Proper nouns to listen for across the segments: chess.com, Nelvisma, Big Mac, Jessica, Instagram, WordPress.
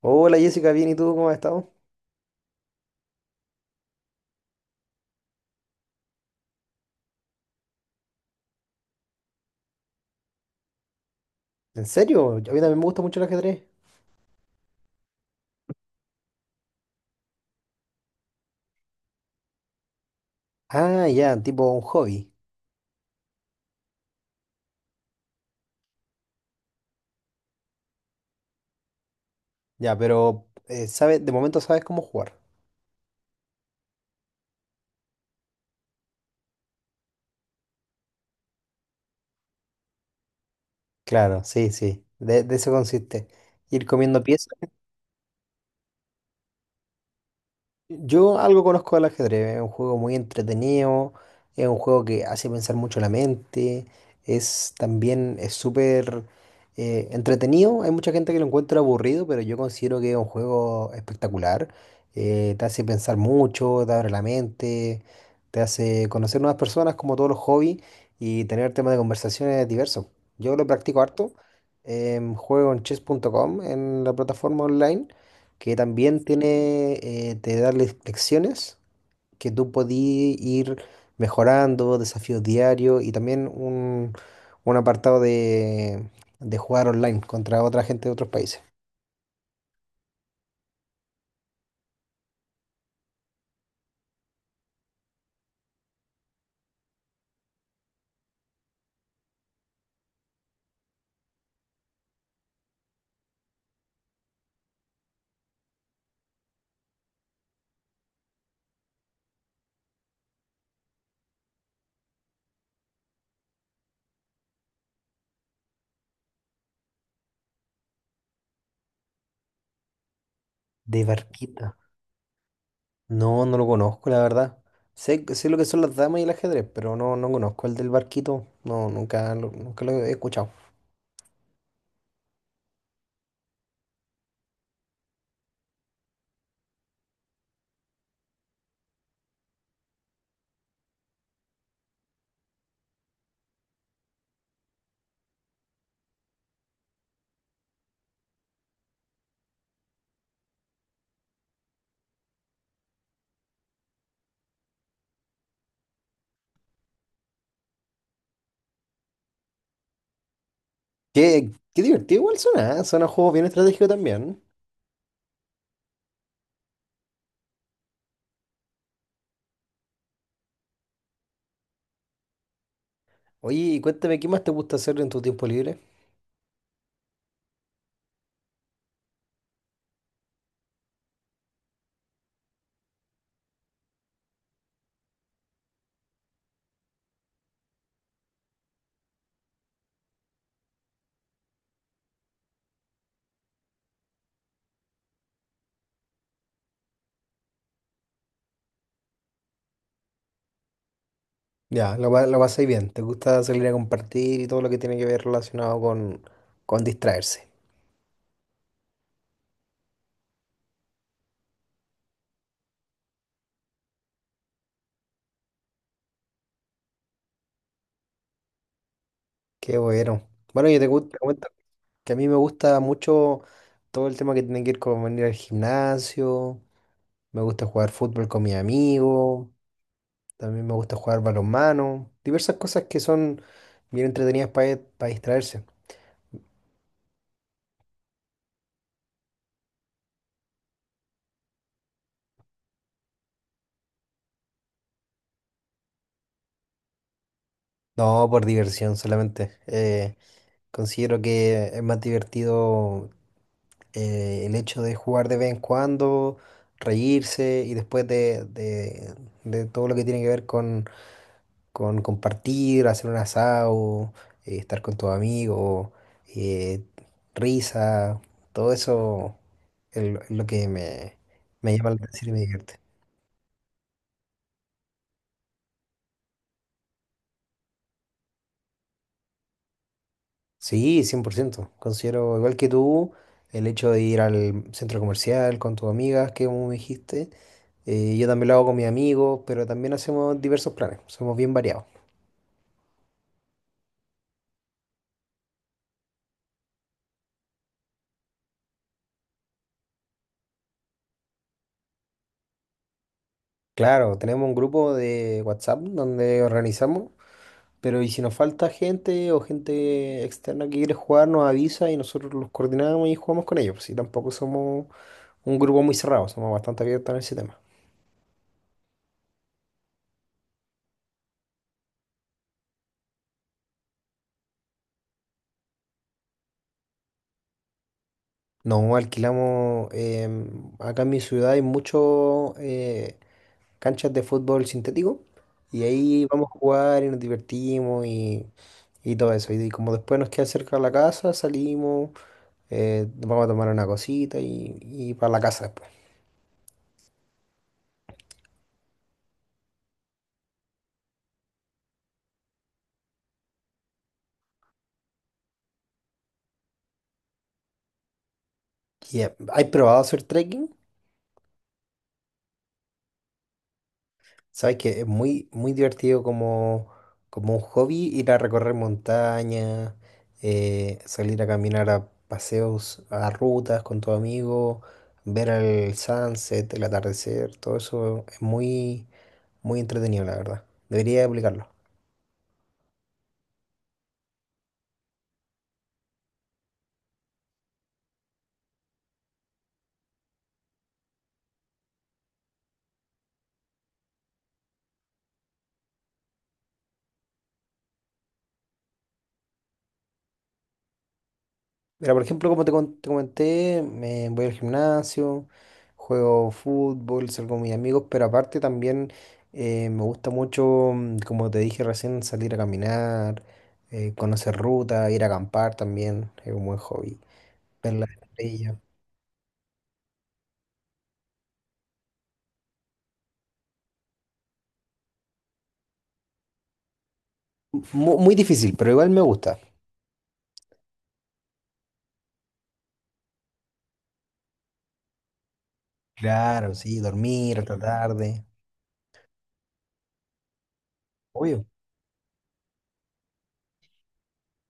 Hola Jessica, bien, ¿y tú cómo has estado? ¿En serio? A mí también me gusta mucho el ajedrez. Ah, ya, tipo un hobby. Ya, pero sabes, de momento sabes cómo jugar. Claro, sí, sí, de eso consiste. Ir comiendo piezas. Yo algo conozco del ajedrez, es un juego muy entretenido, es un juego que hace pensar mucho la mente, es también es súper entretenido, hay mucha gente que lo encuentra aburrido, pero yo considero que es un juego espectacular, te hace pensar mucho, te abre la mente, te hace conocer nuevas personas como todos los hobbies y tener temas de conversaciones diversos. Yo lo practico harto, juego en chess.com en la plataforma online que también tiene, te da lecciones que tú podí ir mejorando, desafíos diarios y también un apartado de jugar online contra otra gente de otros países. De barquita. No, no lo conozco, la verdad. Sé lo que son las damas y el ajedrez, pero no, no conozco el del barquito. No, nunca lo, nunca lo he escuchado. Qué divertido igual suena, ¿eh? Suena un juego bien estratégico también. Oye, y cuéntame, ¿qué más te gusta hacer en tu tiempo libre? Ya, lo pasáis bien. Te gusta salir a compartir y todo lo que tiene que ver relacionado con distraerse. Qué bueno. Bueno, te cuento que a mí me gusta mucho todo el tema que tiene que ver con venir al gimnasio. Me gusta jugar fútbol con mis amigos. También me gusta jugar balonmano. Diversas cosas que son bien entretenidas para distraerse. No, por diversión solamente. Considero que es más divertido el hecho de jugar de vez en cuando, reírse y de todo lo que tiene que ver con compartir, hacer un asado, estar con tus amigos, eh, risa, todo eso es lo que me llama la atención y me divierte. Sí, 100%. Considero igual que tú el hecho de ir al centro comercial con tus amigas, que como me dijiste. Yo también lo hago con mis amigos, pero también hacemos diversos planes, somos bien variados. Claro, tenemos un grupo de WhatsApp donde organizamos, pero y si nos falta gente o gente externa que quiere jugar, nos avisa y nosotros los coordinamos y jugamos con ellos. Pues sí, tampoco somos un grupo muy cerrado, somos bastante abiertos en ese tema. No alquilamos, acá en mi ciudad hay muchas canchas de fútbol sintético y ahí vamos a jugar y nos divertimos y todo eso. Y como después nos queda cerca la casa, salimos, vamos a tomar una cosita y para la casa después. Yeah. ¿Has probado hacer trekking? Sabes que es muy, muy divertido como, como un hobby ir a recorrer montañas, salir a caminar a paseos, a rutas con tu amigo, ver el sunset, el atardecer, todo eso es muy, muy entretenido, la verdad. Debería aplicarlo. Mira, por ejemplo, te comenté, me voy al gimnasio, juego fútbol, salgo con mis amigos, pero aparte también me gusta mucho, como te dije recién, salir a caminar, conocer ruta, ir a acampar también, es un buen hobby. Ver las estrellas. Difícil, pero igual me gusta. Claro, sí, dormir hasta tarde. Obvio.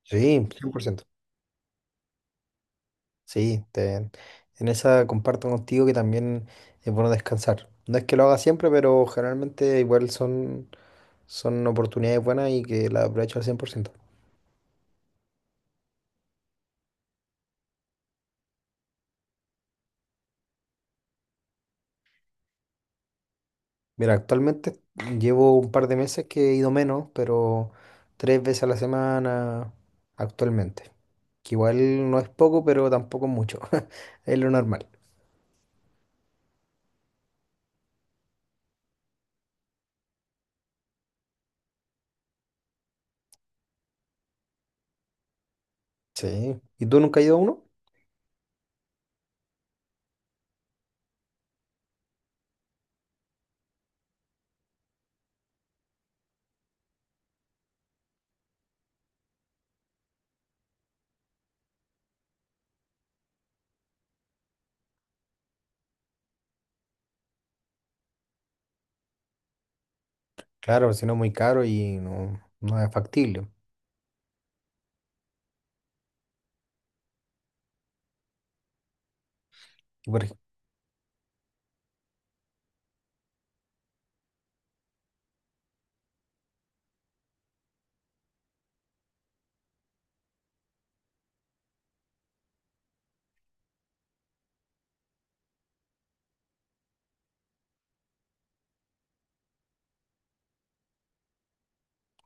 Sí, cien por ciento. Sí, te- en esa comparto contigo que también es bueno descansar. No es que lo haga siempre, pero generalmente igual son oportunidades buenas y que las aprovecho al 100%. Mira, actualmente llevo un par de meses que he ido menos, pero 3 veces a la semana actualmente. Que igual no es poco, pero tampoco es mucho. Es lo normal. Sí. ¿Y tú nunca has ido a uno? Claro, si no es muy caro y no, no es factible. Y por ej-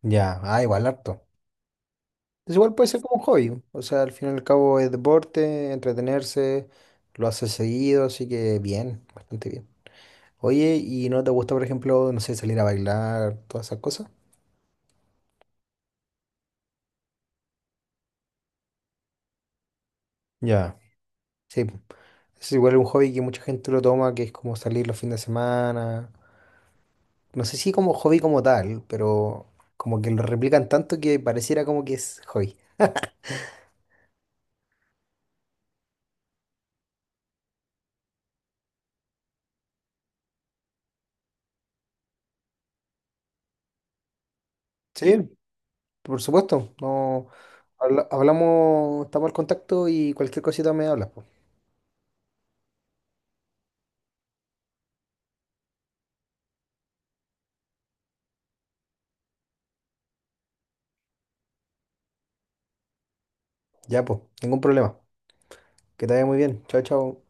ya, ah, igual harto. Entonces igual puede ser como un hobby. O sea, al fin y al cabo es deporte, entretenerse, lo hace seguido, así que bien, bastante bien. Oye, ¿y no te gusta, por ejemplo, no sé, salir a bailar, todas esas cosas? Ya. Sí, po. Es igual un hobby que mucha gente lo toma, que es como salir los fines de semana. No sé si como hobby como tal, pero como que lo replican tanto que pareciera como que es hobby. Sí, por supuesto. No, hablamos, estamos al contacto y cualquier cosita me hablas, po. Ya, pues, ningún problema. Que te vaya muy bien. Chao, chao.